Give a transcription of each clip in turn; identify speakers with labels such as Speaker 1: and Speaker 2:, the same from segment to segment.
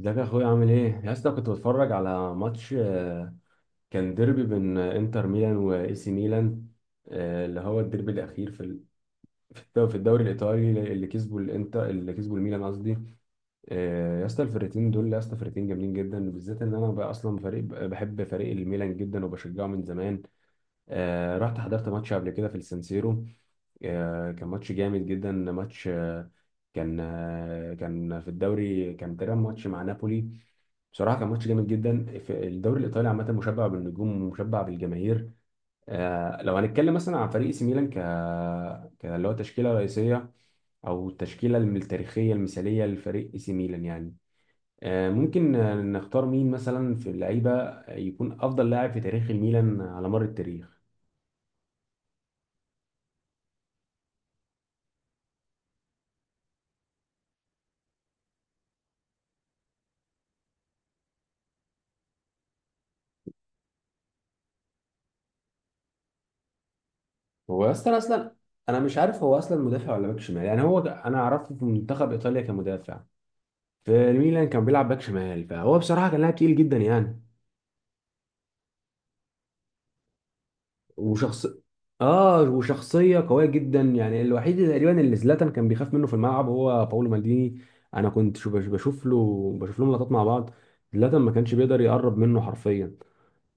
Speaker 1: ازيك يا اخويا عامل ايه؟ يا اسطى كنت بتفرج على ماتش. كان ديربي بين انتر ميلان واي سي ميلان. اللي هو الديربي الاخير في الدوري الايطالي، اللي كسبوا الانتر، اللي كسبوا الميلان قصدي. يا اسطى الفرقتين دول، يا اسطى فرقتين جامدين جدا، بالذات ان انا بقى اصلا فريق، بحب فريق الميلان جدا وبشجعه من زمان. رحت حضرت ماتش قبل كده في السانسيرو. كان ماتش جامد جدا، ماتش. كان في الدوري، كان تقريبا ماتش مع نابولي. بصراحة كان ماتش جامد جدا، في الدوري الإيطالي عامة مشبع بالنجوم ومشبع بالجماهير. لو هنتكلم مثلا عن فريق سي ميلان، اللي هو تشكيلة رئيسية أو التشكيلة التاريخية المثالية لفريق سي ميلان يعني. ممكن نختار مين مثلا في اللعيبة يكون أفضل لاعب في تاريخ الميلان على مر التاريخ. هو اصلا انا مش عارف، هو اصلا مدافع ولا باك شمال يعني، انا عرفته في منتخب ايطاليا كمدافع. في الميلان كان بيلعب باك شمال، فهو بصراحه كان لاعب تقيل جدا يعني. وشخص اه وشخصيه قويه جدا، يعني الوحيد اللي تقريبا اللي زلاتان كان بيخاف منه في الملعب هو باولو مالديني. انا كنت بشوف لهم لقطات مع بعض، زلاتان ما كانش بيقدر يقرب منه حرفيا.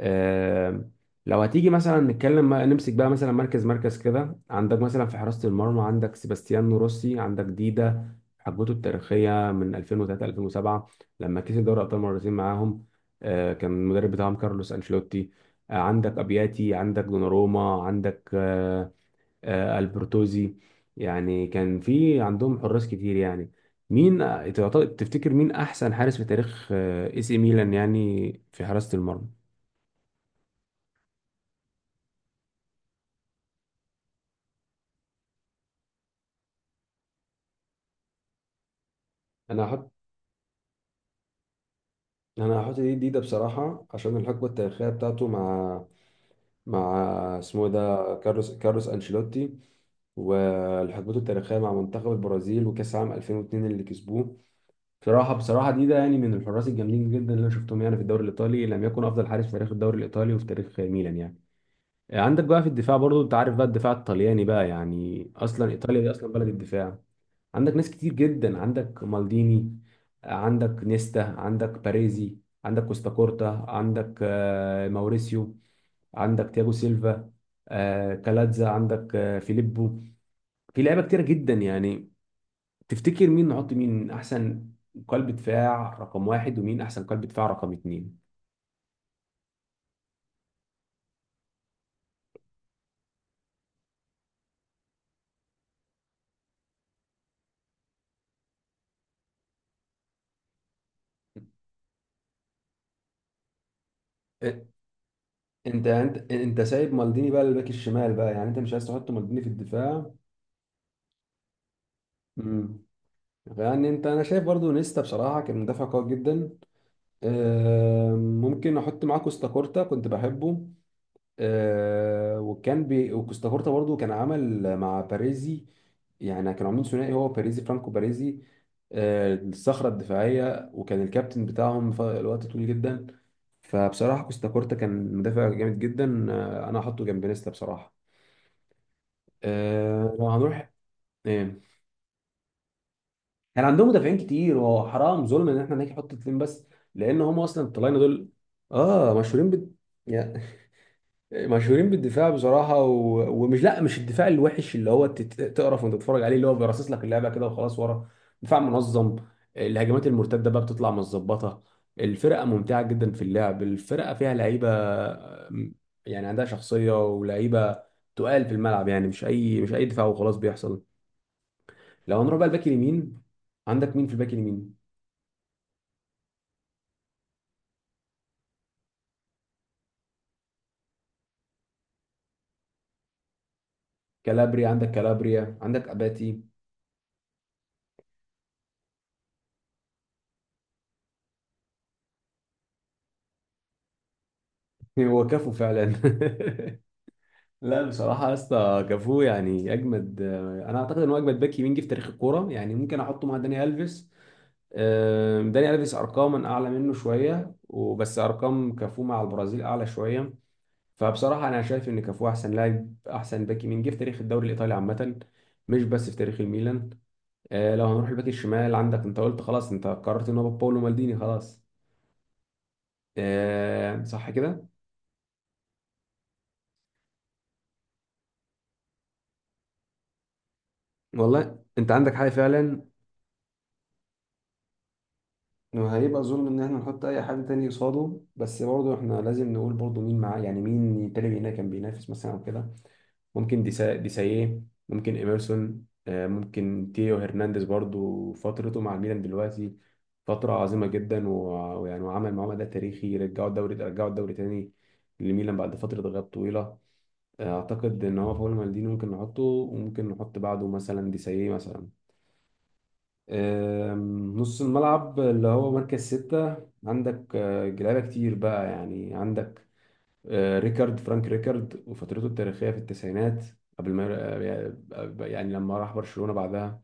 Speaker 1: آه، لو هتيجي مثلا نتكلم، نمسك بقى مثلا مركز كده، عندك مثلا في حراسة المرمى عندك سيباستيانو روسي، عندك ديدا حقبته التاريخية من 2003 2007، لما كسب دوري أبطال مرتين معاهم. كان المدرب بتاعهم كارلوس أنشيلوتي. عندك أبياتي، عندك دوناروما، عندك ألبرتوزي. يعني كان في عندهم حراس كتير يعني. مين تفتكر مين أحسن حارس في تاريخ اي سي ميلان، يعني في حراسة المرمى؟ انا هحط انا هحط دي جديده بصراحه، عشان الحقبه التاريخيه بتاعته مع مع اسمه إيه ده، كارلوس انشيلوتي، والحقبته التاريخيه مع منتخب البرازيل وكاس عام 2002 اللي كسبوه. بصراحه ده يعني من الحراس الجامدين جدا اللي انا شفتهم يعني في الدوري الايطالي، لم يكن افضل حارس في تاريخ الدوري الايطالي وفي تاريخ ميلان يعني. عندك بقى في الدفاع، برضو انت عارف بقى الدفاع الطلياني بقى يعني، اصلا ايطاليا دي اصلا بلد الدفاع. عندك ناس كتير جدا، عندك مالديني، عندك نيستا، عندك باريزي، عندك كوستا كورتا، عندك ماوريسيو، عندك تياجو سيلفا، كالاتزا، عندك فيليبو، في لعيبه كتيره جدا يعني. تفتكر مين نحط، مين احسن قلب دفاع رقم واحد، ومين احسن قلب دفاع رقم اتنين؟ إيه، انت سايب مالديني بقى للباك الشمال بقى، يعني انت مش عايز تحط مالديني في الدفاع؟ امم يعني انا شايف برضو نيستا بصراحه كان مدافع قوي جدا. ممكن احط معاه كوستاكورتا، كنت بحبه. آه، وكان بي وكوستاكورتا برضو كان عمل مع باريزي، يعني كانوا عاملين ثنائي، هو باريزي، فرانكو باريزي، الصخرة الدفاعية، وكان الكابتن بتاعهم في الوقت طويل جدا. فبصراحة كوستاكورتا كان مدافع جامد جدا، انا هحطه جنب نيستا بصراحة. لو هنروح. إيه. كان عندهم مدافعين كتير، وهو حرام ظلم ان احنا نيجي نحط اتنين بس، لان هم اصلا الطلاينة دول اه مشهورين بال مشهورين بالدفاع بصراحة. ومش، لا مش الدفاع الوحش اللي هو تقرف وانت تتفرج عليه، اللي هو بيرصص لك اللعبة كده وخلاص ورا. دفاع منظم، الهجمات المرتدة بقى بتطلع متظبطة، الفرقة ممتعة جدا في اللعب، الفرقة فيها لعيبة، م- يعني عندها شخصية ولعيبة تقال في الملعب، يعني مش أي دفاع وخلاص بيحصل. لو هنروح بقى الباك اليمين، عندك مين في الباك اليمين؟ كالابريا، عندك كالابريا، عندك أباتي. هو كفو فعلا. لا بصراحة يا اسطى، كافو يعني أجمد. أنا أعتقد إن هو أجمد باك يمين جه في تاريخ الكورة يعني، ممكن أحطه مع داني ألفيس. داني ألفيس أرقاما أعلى منه شوية، وبس أرقام كافو مع البرازيل أعلى شوية. فبصراحة أنا شايف إن كافو أحسن باك يمين جه في تاريخ الدوري الإيطالي عامة، مش بس في تاريخ الميلان. لو هنروح الباك الشمال، عندك، أنت قلت خلاص، أنت قررت إن هو باولو مالديني، خلاص. صح كده؟ والله أنت عندك حاجة فعلا، وهيبقى ظلم ان احنا نحط اي حد تاني قصاده، بس برضه احنا لازم نقول برضه مين معاه يعني، مين تاني هنا كان بينافس مثلا او كده. ممكن ديسايه، ممكن ايمرسون، ممكن تيو هرنانديز، برضه فترته مع الميلان دلوقتي فترة عظيمة جدا، ويعني وعمل معاه ده تاريخي، رجعوا الدوري، رجعوا الدوري تاني لميلان بعد فترة غياب طويلة. اعتقد ان هو فاول مالديني ممكن نحطه، وممكن نحط بعده مثلا ديسايه مثلا. نص الملعب اللي هو مركز ستة، عندك لعيبة كتير بقى يعني، عندك آه، ريكارد فرانك ريكارد وفترته التاريخية في التسعينات، قبل ما يعني لما راح برشلونة بعدها.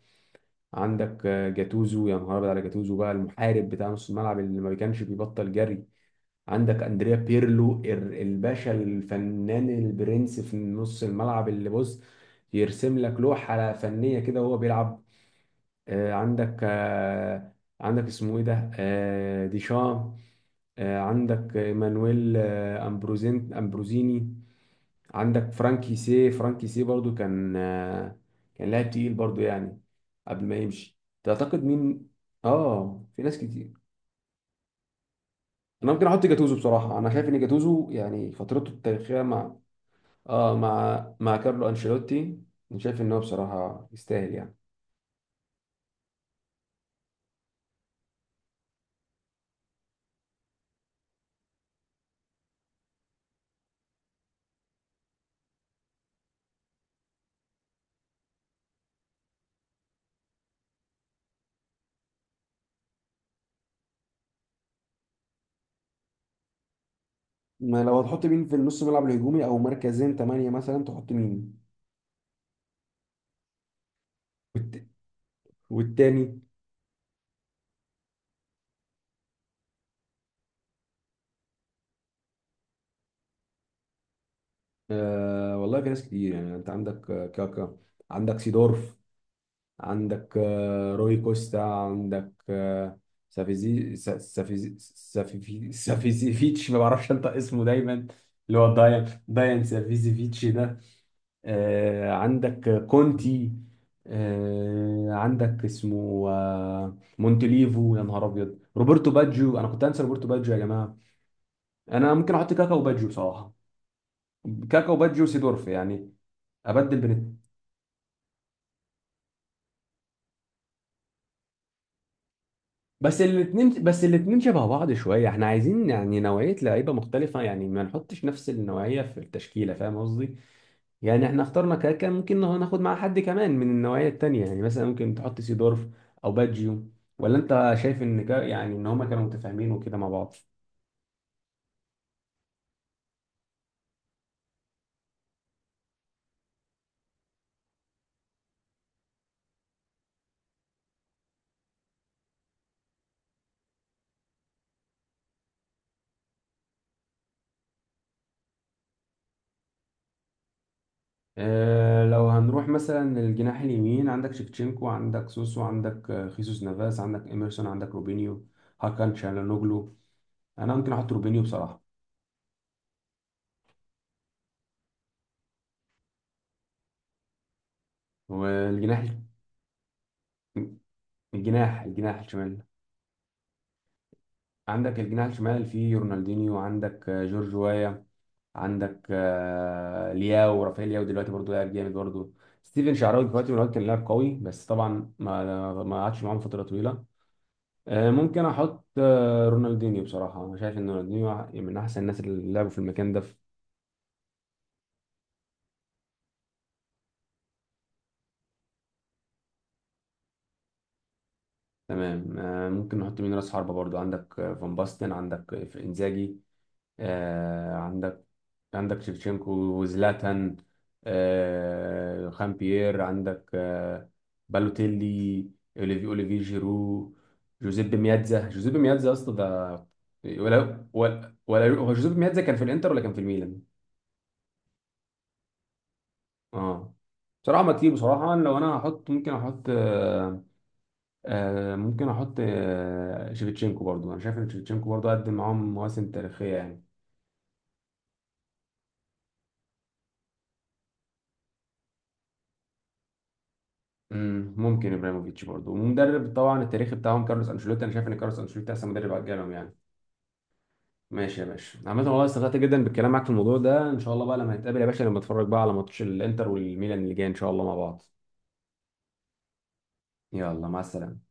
Speaker 1: عندك جاتوزو، يا نهار أبيض على جاتوزو بقى، المحارب بتاع نص الملعب اللي ما كانش بيبطل جري. عندك أندريا بيرلو، الباشا الفنان البرنس في نص الملعب، اللي بص يرسم لك لوحة فنية كده وهو بيلعب. آه، عندك آه، عندك اسمه ايه ده، ديشام. عندك مانويل، امبروزيني. عندك فرانكي سي برضو كان لاعب تقيل برضو يعني. قبل ما يمشي تعتقد مين؟ اه في ناس كتير. انا ممكن احط جاتوزو بصراحه، انا شايف ان جاتوزو يعني فترته التاريخيه مع اه مع مع كارلو انشيلوتي، انا شايف ان هو بصراحه يستاهل يعني. ما لو هتحط مين في النص ملعب الهجومي او مركزين ثمانية مثلا، تحط مين؟ والت... والتاني؟ والله في ناس كتير يعني، انت عندك كاكا، عندك سيدورف، عندك روي كوستا، عندك سافيزيفيتش، ما بعرفش انطق اسمه دايما، اللي هو دايان سافيزيفيتش ده. عندك كونتي. عندك اسمه مونتليفو، يا نهار ابيض، روبرتو باجيو، انا كنت انسى روبرتو باجيو يا جماعه. انا ممكن احط كاكا وباجيو بصراحه، كاكا وبادجي وسيدورف يعني، ابدل بين. بس الاثنين شبه بعض شويه، احنا عايزين يعني نوعيه لعيبه مختلفه، يعني ما نحطش نفس النوعيه في التشكيله، فاهم قصدي؟ يعني احنا اخترنا كاكا، ممكن ناخد معاه حد كمان من النوعيه التانيه، يعني مثلا ممكن تحط سيدورف او بادجيو، ولا انت شايف ان يعني ان هما كانوا متفاهمين وكده مع بعض؟ اه لو هنروح مثلا للجناح اليمين، عندك شيفتشينكو، عندك سوسو، عندك خيسوس نافاس، عندك ايمرسون، عندك روبينيو، هاكان شالانوجلو. انا ممكن احط روبينيو بصراحه. والجناح الجناح الجناح الشمال، عندك الجناح الشمال فيه رونالدينيو، عندك جورج وايا، عندك آه، لياو رافائيل لياو دلوقتي برضه لاعب جامد برضه. ستيفن شعراوي دلوقتي من الوقت كان لاعب قوي، بس طبعا ما قعدش معاهم فتره طويله. ممكن احط رونالدينيو بصراحه، انا شايف ان رونالدينيو من احسن الناس اللي لعبوا في المكان ده. تمام. ممكن نحط مين راس حربة برضو، عندك فان باستن، عندك انزاجي. عندك شيفتشينكو وزلاتان، خامبيير، عندك بالوتيلي، اوليفي جيرو، جوزيب مياتزا يا اسطى ده. ولا هو جوزيب مياتزا كان في الانتر ولا كان في الميلان؟ اه. بصراحة ما كتير. بصراحة أنا، لو هحط ممكن أحط آه آه ممكن أحط آه شيفتشينكو برضو، أنا شايف إن شيفتشينكو برضو قدم معاهم مواسم تاريخية يعني. ممكن ابراهيموفيتش برضه، ومدرب طبعا التاريخي بتاعهم كارلوس انشيلوتي، انا شايف ان كارلوس انشيلوتي احسن مدرب على جالهم يعني. ماشي يا باشا، عامة والله استمتعت جدا بالكلام معاك في الموضوع ده، ان شاء الله بقى لما نتقابل يا باشا، لما نتفرج بقى على ماتش الانتر والميلان اللي جاي ان شاء الله مع بعض. يلا مع السلامة.